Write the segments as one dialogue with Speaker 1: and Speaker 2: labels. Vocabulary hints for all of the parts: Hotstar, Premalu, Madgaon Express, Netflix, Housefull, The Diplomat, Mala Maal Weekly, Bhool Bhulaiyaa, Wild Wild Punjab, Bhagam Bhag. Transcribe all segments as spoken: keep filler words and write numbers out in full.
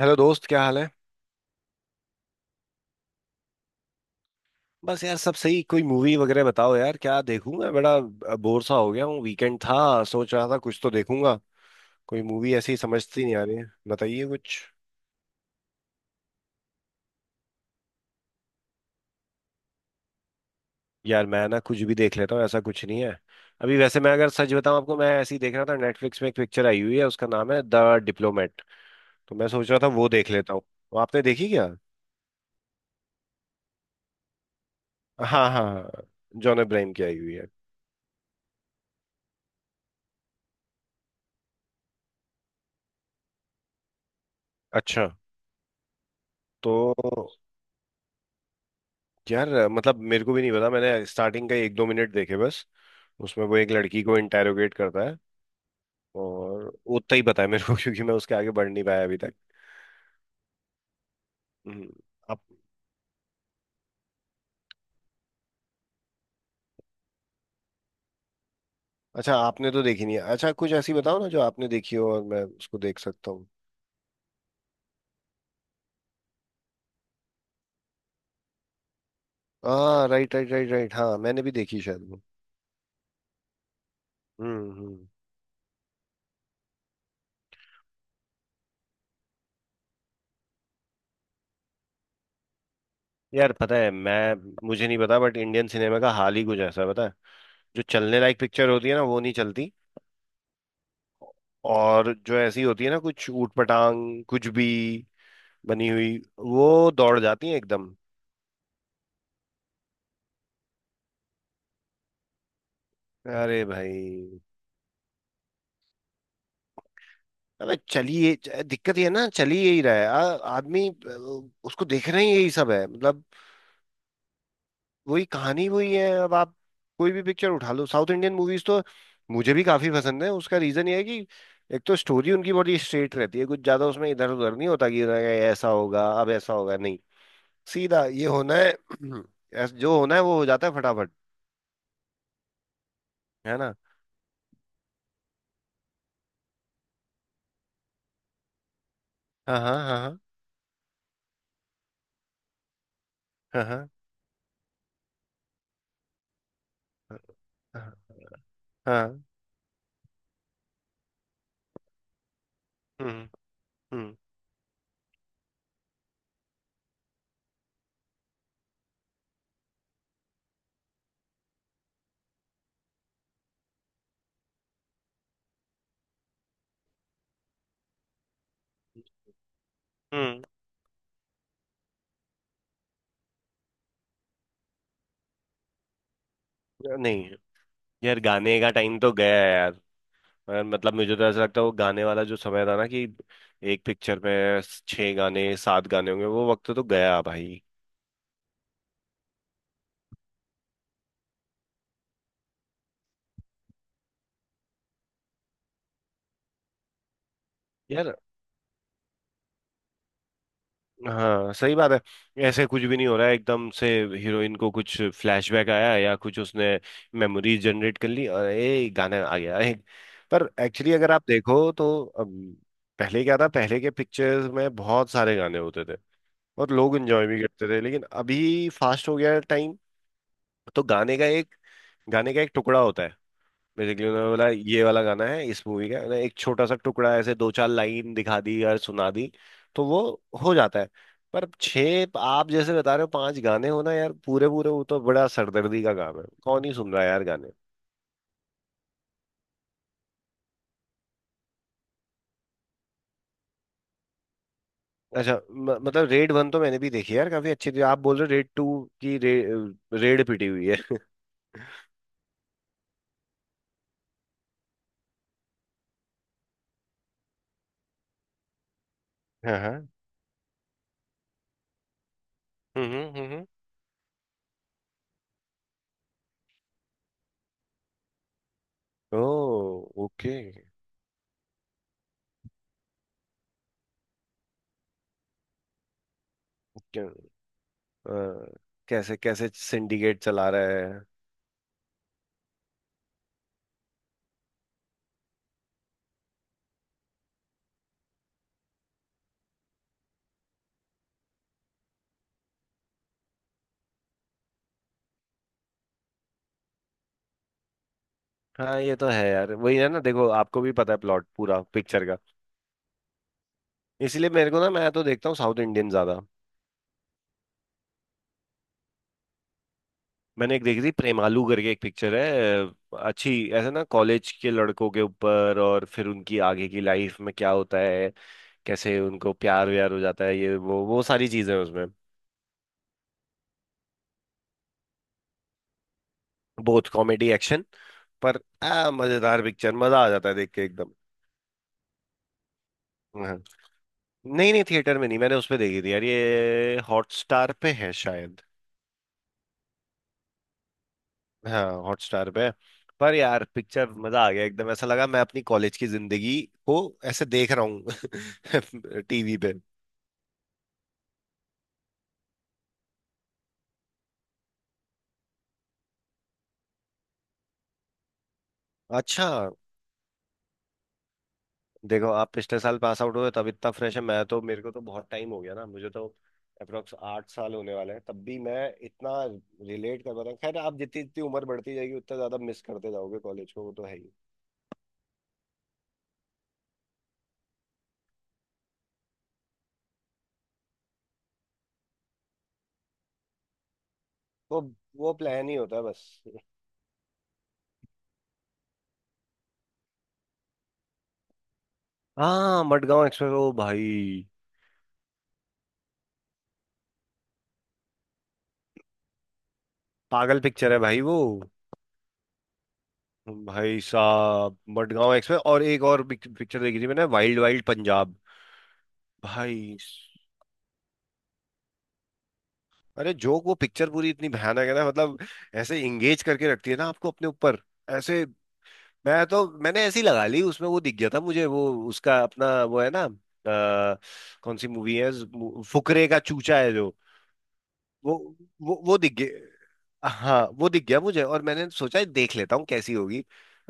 Speaker 1: Hello दोस्त, क्या हाल है। बस यार, सब सही। कोई मूवी वगैरह बताओ यार, क्या देखूं मैं। बड़ा बोर सा हो गया हूँ। वीकेंड था, सोच रहा था कुछ तो देखूंगा। कोई मूवी ऐसी समझती नहीं आ रही है, बताइए कुछ। यार, मैं ना कुछ भी देख लेता हूँ, ऐसा कुछ नहीं है। अभी वैसे मैं अगर सच बताऊं आपको, मैं ऐसी देख रहा था, नेटफ्लिक्स में एक पिक्चर आई हुई है उसका नाम है द डिप्लोमेट। तो मैं सोच रहा था वो देख लेता हूँ। वो आपने देखी क्या। हाँ हाँ, जॉन अब्राहम की आई हुई है। अच्छा। तो यार मतलब, मेरे को भी नहीं पता। मैंने स्टार्टिंग का एक दो मिनट देखे बस। उसमें वो एक लड़की को इंटेरोगेट करता है और उतना ही पता है मेरे को क्योंकि मैं उसके आगे बढ़ नहीं पाया अभी तक। हम्म। आप। अच्छा, आपने तो देखी नहीं है। अच्छा, कुछ ऐसी बताओ ना जो आपने देखी हो और मैं उसको देख सकता हूँ। हाँ, राइट राइट राइट राइट। हाँ, मैंने भी देखी शायद वो। हम्म हम्म। यार पता है, मैं मुझे नहीं पता, बट इंडियन सिनेमा का हाल ही कुछ ऐसा है, पता है। जो चलने लायक पिक्चर होती है ना वो नहीं चलती। और जो ऐसी होती है ना, कुछ ऊट पटांग कुछ भी बनी हुई, वो दौड़ जाती है एकदम। अरे भाई। अबे चलिए, च- दिक्कत ये है ना, चलिए यही रहा है, आ- आदमी अ, उसको देख रहे ही यही सब है मतलब। वही कहानी वही है। अब आप कोई भी पिक्चर उठा लो, साउथ इंडियन मूवीज तो मुझे भी काफी पसंद है। उसका रीजन ये है कि एक तो स्टोरी उनकी बड़ी स्ट्रेट रहती है, कुछ ज्यादा उसमें इधर उधर नहीं होता कि "अरे, ऐसा होगा अब ऐसा होगा", नहीं, सीधा ये होना है। ऐस- जो होना है वो हो जाता है फटाफट। है ना। हाँ हाँ हाँ हाँ हाँ हाँ हाँ हाँ, हम्म हम्म हम्म। नहीं यार, गाने का टाइम तो गया है यार। मगर मतलब मुझे तो ऐसा लगता है वो गाने वाला जो समय था ना, कि एक पिक्चर में छह गाने सात गाने होंगे, वो वक्त तो गया भाई। यार हाँ, सही बात है। ऐसे कुछ भी नहीं हो रहा है एकदम से। हीरोइन को कुछ फ्लैशबैक आया या कुछ उसने मेमोरीज जनरेट कर ली और ए गाना आ गया एक। पर एक्चुअली अगर आप देखो तो अम, पहले क्या था, पहले के पिक्चर्स में बहुत सारे गाने होते थे और लोग एंजॉय भी करते थे, लेकिन अभी फास्ट हो गया है टाइम। तो गाने का एक गाने का एक टुकड़ा होता है बेसिकली। उन्होंने बोला ये वाला गाना है इस मूवी का, उन्होंने एक छोटा सा टुकड़ा ऐसे दो चार लाइन दिखा दी और सुना दी, तो वो हो जाता है। पर छः, आप जैसे बता रहे हो पांच गाने होना यार पूरे पूरे, वो तो बड़ा सरदर्दी का काम है, कौन ही सुन रहा है यार गाने। अच्छा म, मतलब रेड वन तो मैंने भी देखी है यार, काफी अच्छी थी। आप बोल रहे हो रेड टू की रे, रेड पिटी हुई है। हाँ हाँ। हम्म हम्म हम्म, हम्म। Oh okay. क्या- अ, कैसे कैसे सिंडिकेट चला रहा है। हाँ ये तो है यार, वही है ना, देखो आपको भी पता है प्लॉट पूरा पिक्चर का। इसीलिए मेरे को ना, मैं तो देखता हूँ साउथ इंडियन ज्यादा। मैंने एक देखी थी, प्रेमालू करके एक पिक्चर है अ, अच्छी, ऐसे ना कॉलेज के लड़कों के ऊपर और फिर उनकी आगे की लाइफ में क्या होता है, कैसे उनको प्यार व्यार हो जाता है, ये वो वो सारी चीजें हैं उसमें। बहुत कॉमेडी, एक्शन, पर आ, मजेदार पिक्चर, मजा आ जाता है देख के एकदम। हाँ। नहीं नहीं, थिएटर में नहीं, मैंने उस पे देखी थी यार, ये हॉटस्टार पे है शायद। हाँ, हॉटस्टार पे। पर यार पिक्चर मजा आ गया एकदम, ऐसा लगा मैं अपनी कॉलेज की जिंदगी को ऐसे देख रहा हूँ टीवी पे। अच्छा, देखो आप पिछले साल पास आउट हुए तब इतना फ्रेश है, मैं तो, मेरे को तो बहुत टाइम हो गया ना, मुझे तो अप्रोक्स आठ साल होने वाले हैं, तब भी मैं इतना रिलेट कर पा रहा हूँ। खैर, आप जितनी जितनी उम्र बढ़ती जाएगी उतना ज्यादा मिस करते जाओगे कॉलेज को, वो तो है ही। तो वो प्लान ही होता है बस। हाँ, मडगांव एक्सप्रेस, ओ भाई, पागल पिक्चर है भाई वो। भाई साहब, मडगांव एक्सप्रेस और एक और पिक्चर देखी थी मैंने, वाइल्ड वाइल्ड पंजाब, भाई। अरे, जो वो पिक्चर पूरी इतनी भयानक है ना, मतलब ऐसे इंगेज करके रखती है ना आपको अपने ऊपर ऐसे। मैं तो मैंने ऐसी लगा ली, उसमें वो दिख गया था मुझे वो, उसका अपना वो है ना अ, कौन सी मूवी है, ज- मु- फुकरे का चूचा है जो। वो वो वो दिख गया, हाँ वो दिख गया मुझे, और मैंने सोचा देख लेता हूँ कैसी होगी।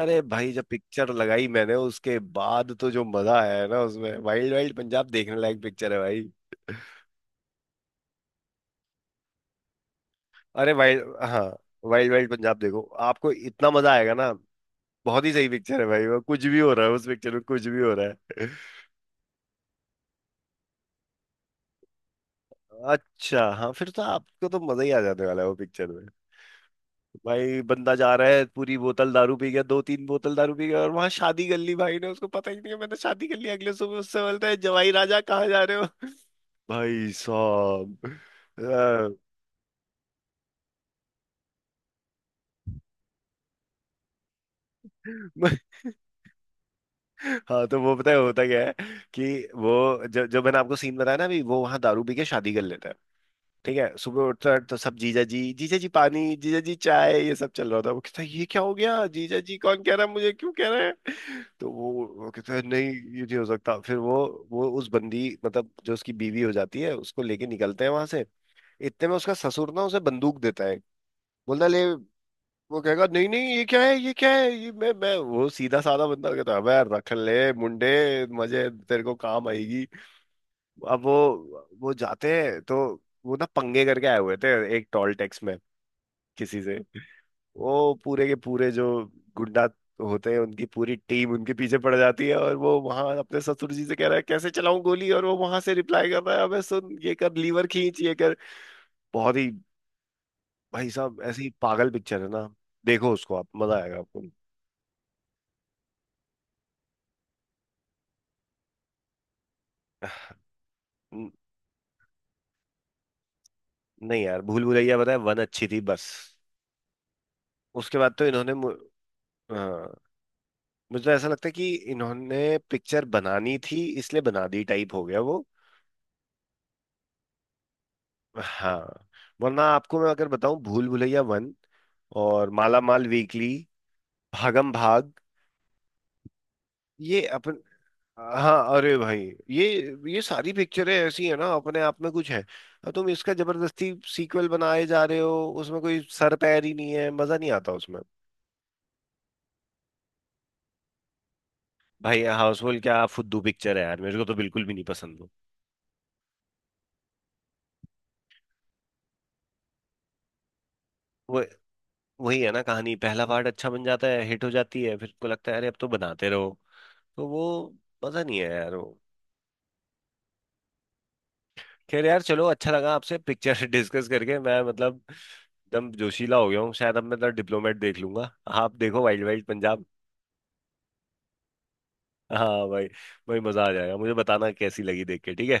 Speaker 1: अरे भाई, जब पिक्चर लगाई मैंने उसके बाद तो जो मजा आया है ना उसमें, वाइल्ड वाइल्ड पंजाब देखने लायक पिक्चर है भाई। अरे वाइल्ड, हाँ, वाइल्ड वाइल्ड पंजाब देखो, आपको इतना मजा आएगा ना। बहुत ही सही पिक्चर है भाई वो, कुछ भी हो रहा है उस पिक्चर में, कुछ भी हो रहा है। अच्छा हाँ, फिर तो आपको तो मजा ही आ जाने वाला है वो पिक्चर। भाई बंदा जा रहा है, पूरी बोतल दारू पी गया, दो तीन बोतल दारू पी गया और वहां शादी कर ली भाई ने, उसको पता ही नहीं है मैंने शादी कर ली। अगले सुबह उससे बोलता है, "जवाई राजा, कहाँ जा रहे हो"। भाई साहब अ, मैं- हाँ तो वो पता है होता क्या है कि वो, जो जो मैंने आपको सीन बताया ना अभी, वो वहां दारू पी के शादी कर लेता है। ठीक है, सुबह उठता तो सब "जीजा जी जीजा जी पानी, जीजा जी चाय", ये सब चल रहा था। वो कहता है "ये क्या हो गया, जीजा जी कौन कह रहा है, मुझे क्यों कह रहे हैं"। तो वो वो कहता है नहीं ये नहीं हो सकता। फिर वो वो उस बंदी मतलब जो उसकी बीवी हो जाती है उसको लेके निकलते हैं वहां से। इतने में उसका ससुर ना उसे बंदूक देता है, बोलता है, "ले"। वो कहेगा "नहीं नहीं, ये क्या है, ये क्या है, ये मैं मैं वो", सीधा साधा बंदा। कहता है, "अबे, रख ले मुंडे मजे, तेरे को काम आएगी"। अब वो वो जाते हैं तो, वो ना पंगे करके आए हुए थे एक टॉल टैक्स में किसी से। वो पूरे के पूरे जो गुंडा होते हैं उनकी पूरी टीम उनके पीछे पड़ जाती है, और वो वहां अपने ससुर जी से कह रहा है कैसे चलाऊं गोली, और वो वहां से रिप्लाई कर रहा है, "अबे सुन, ये कर, लीवर खींच, ये कर"। बहुत ही भाई साहब ऐसी ही पागल पिक्चर है ना, देखो उसको, आप मजा आएगा आपको न- नहीं यार, भूल भुलैया बताए वन अच्छी थी बस, उसके बाद तो इन्होंने मु- हाँ, मुझे ऐसा लगता है कि इन्होंने पिक्चर बनानी थी इसलिए बना दी टाइप हो गया वो। हाँ, वरना आपको मैं अगर बताऊं, भूल भुलैया वन और माला माल वीकली, भागम भाग, ये अपन, हाँ अरे भाई, ये ये सारी पिक्चरें ऐसी है ना, अपने आप में कुछ है, और तुम इसका जबरदस्ती सीक्वल बनाए जा रहे हो, उसमें कोई सर पैर ही नहीं है, मजा नहीं आता उसमें। भाई हाउसफुल क्या फुद्दू पिक्चर है यार, मेरे को तो बिल्कुल भी नहीं पसंद। वो, वही है ना, कहानी पहला पार्ट अच्छा बन जाता है हिट हो जाती है, फिर को लगता है अरे अब तो बनाते रहो, तो वो मजा नहीं है यार वो। खैर यार चलो, अच्छा लगा आपसे पिक्चर डिस्कस करके, मैं मतलब एकदम जोशीला हो गया हूँ शायद। अब मैं तो डिप्लोमेट देख लूंगा, आप देखो वाइल्ड वाइल्ड पंजाब। हाँ भाई, भाई मजा आ जाएगा, मुझे बताना कैसी लगी देख के, ठीक है।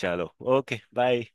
Speaker 1: चलो, ओके बाय।